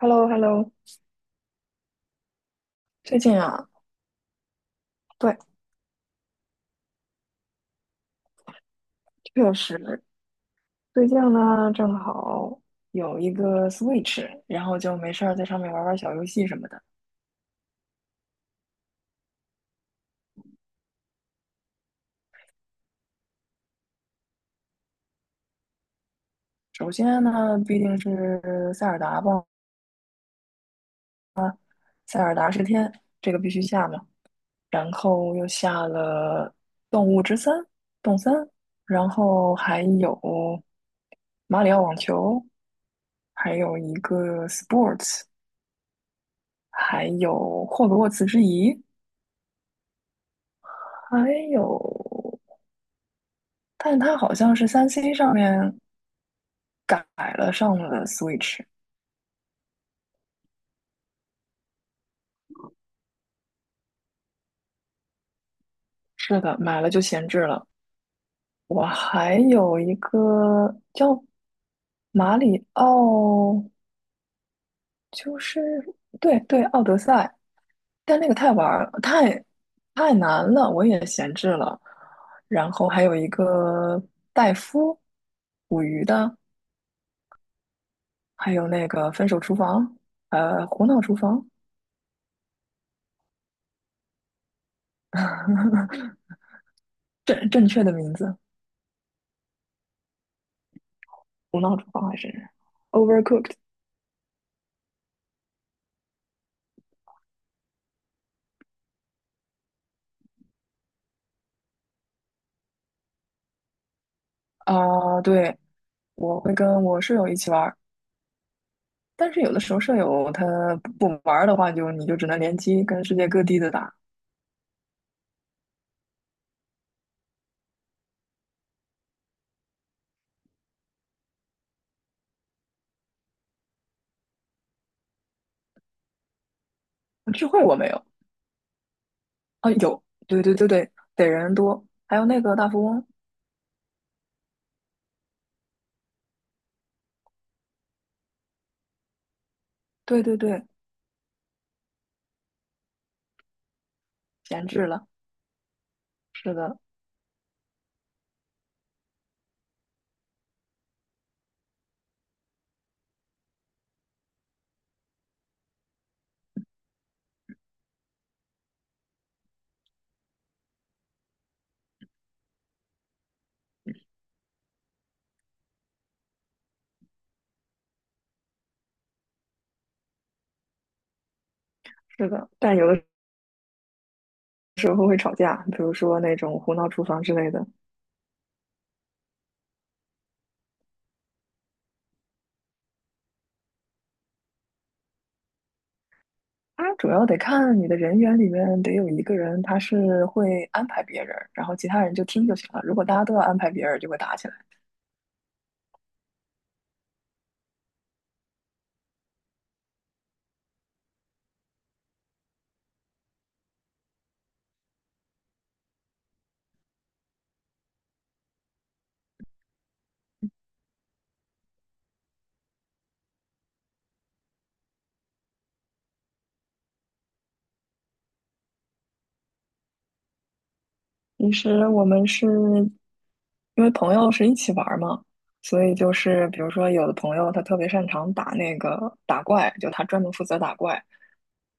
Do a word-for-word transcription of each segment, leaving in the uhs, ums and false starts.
h e l l o h e l l o 最近啊，对，确实，最近呢正好有一个 Switch，然后就没事儿在上面玩玩小游戏什么的。首先呢，必定是塞尔达吧，塞尔达是天，这个必须下嘛。然后又下了《动物之森》《动森》，然后还有马里奥网球，还有一个 Sports，还有霍格沃茨之遗，还有。但它好像是三 c 上面改了上了 Switch。是的，买了就闲置了。我还有一个叫马里奥，就是对对，奥德赛，但那个太玩儿太太难了，我也闲置了。然后还有一个戴夫，捕鱼的，还有那个分手厨房，呃，胡闹厨房，正正确的名字，胡闹厨房还是 Overcooked。啊，对，我会跟我舍友一起玩儿，但是有的时候舍友他不不玩儿的话就，你就只能联机跟世界各地的打。聚会我没有啊，有，对对对对，得人多，还有那个大富翁，对对对，闲置了，是的，是的，但有的时候会吵架，比如说那种胡闹厨房之类的。它主要得看你的人员里面得有一个人他是会安排别人，然后其他人就听就行了。如果大家都要安排别人，就会打起来。其实我们是因为朋友是一起玩儿嘛，所以就是比如说有的朋友他特别擅长打那个打怪，就他专门负责打怪，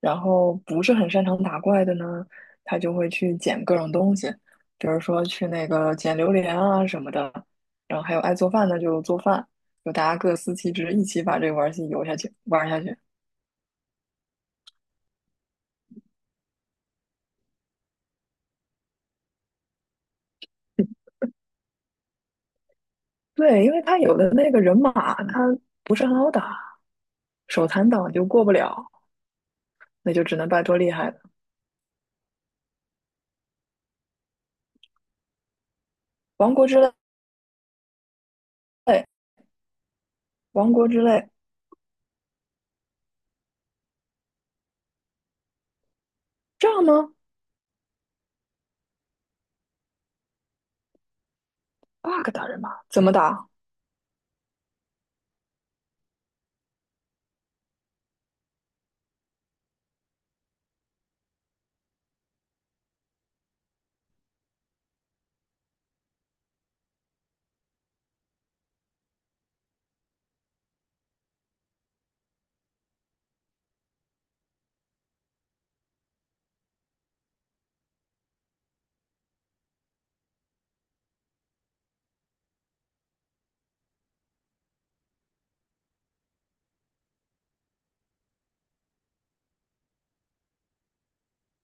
然后不是很擅长打怪的呢，他就会去捡各种东西，比如说去那个捡榴莲啊什么的，然后还有爱做饭的就做饭，就大家各司其职，一起把这个玩儿游戏游下去，玩儿下去。对，因为他有的那个人马他不是很好打，手残党就过不了，那就只能拜托厉害的。王国之泪，王国之泪，这样呢？bug 打人吧，怎么打？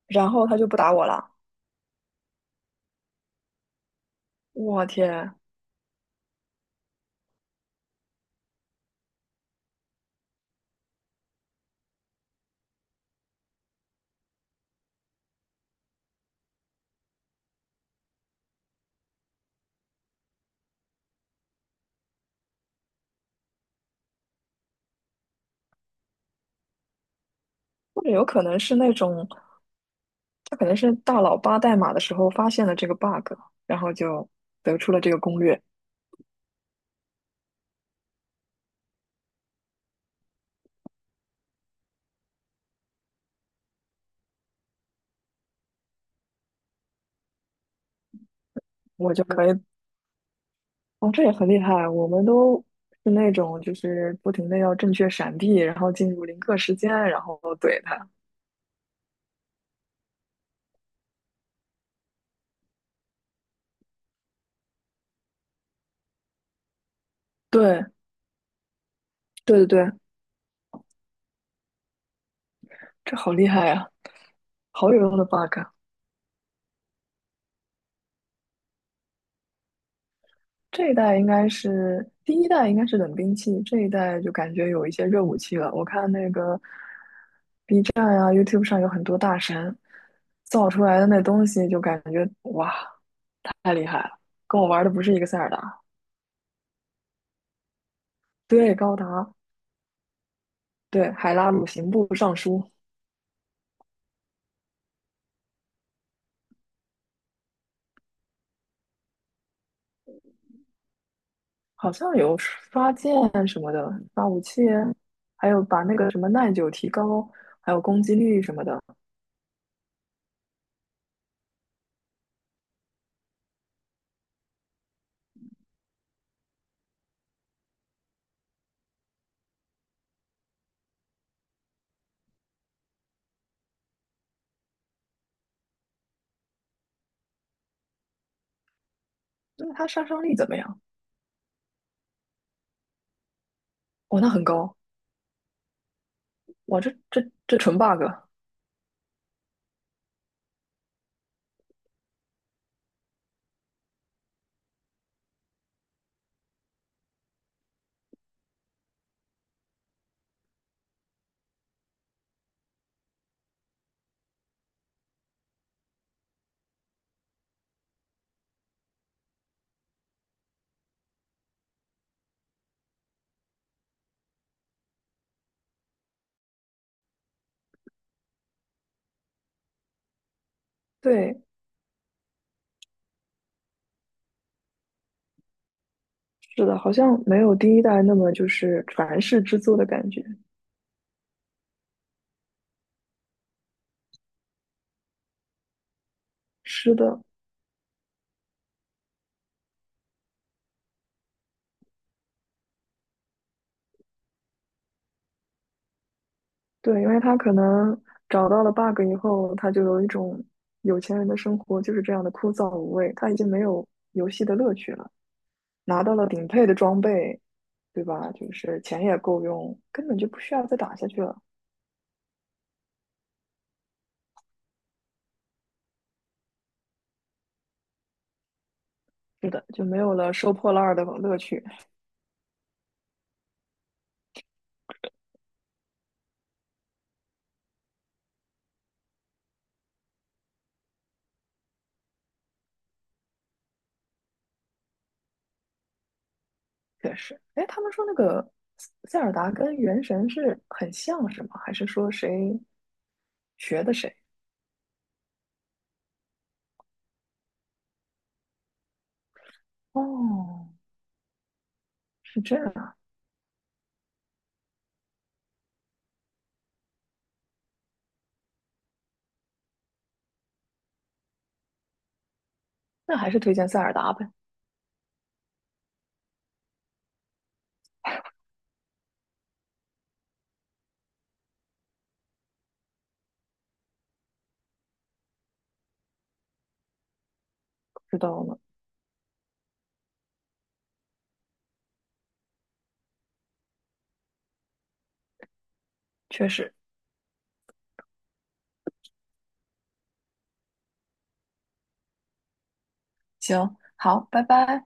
然后他就不打我了。我天，或者有可能是那种，他可能是大佬扒代码的时候发现了这个 bug，然后就得出了这个攻略，我就可以。哦，这也很厉害。我们都是那种就是不停的要正确闪避，然后进入零刻时间，然后怼他。对对对对，这好厉害呀、好有用的 bug 啊。这一代应该是第一代，应该是冷兵器，这一代就感觉有一些热武器了。我看那个 B 站啊、YouTube 上有很多大神造出来的那东西，就感觉哇，太厉害了，跟我玩的不是一个塞尔达。对，高达，对，海拉鲁刑部尚书，好像有刷剑什么的，刷武器，还有把那个什么耐久提高，还有攻击力什么的。那它杀伤力怎么样？哇，那很高，哇，这这这纯 bug。对，是的，好像没有第一代那么就是传世之作的感觉。是的，对，因为他可能找到了 bug 以后，他就有一种有钱人的生活就是这样的枯燥无味，他已经没有游戏的乐趣了。拿到了顶配的装备，对吧？就是钱也够用，根本就不需要再打下去了。是的，就没有了收破烂儿的乐趣。确实，哎，他们说那个塞尔达跟原神是很像，是吗？还是说谁学的谁？哦，是这样，那还是推荐塞尔达呗，不知道呢，确实，行，好，拜拜。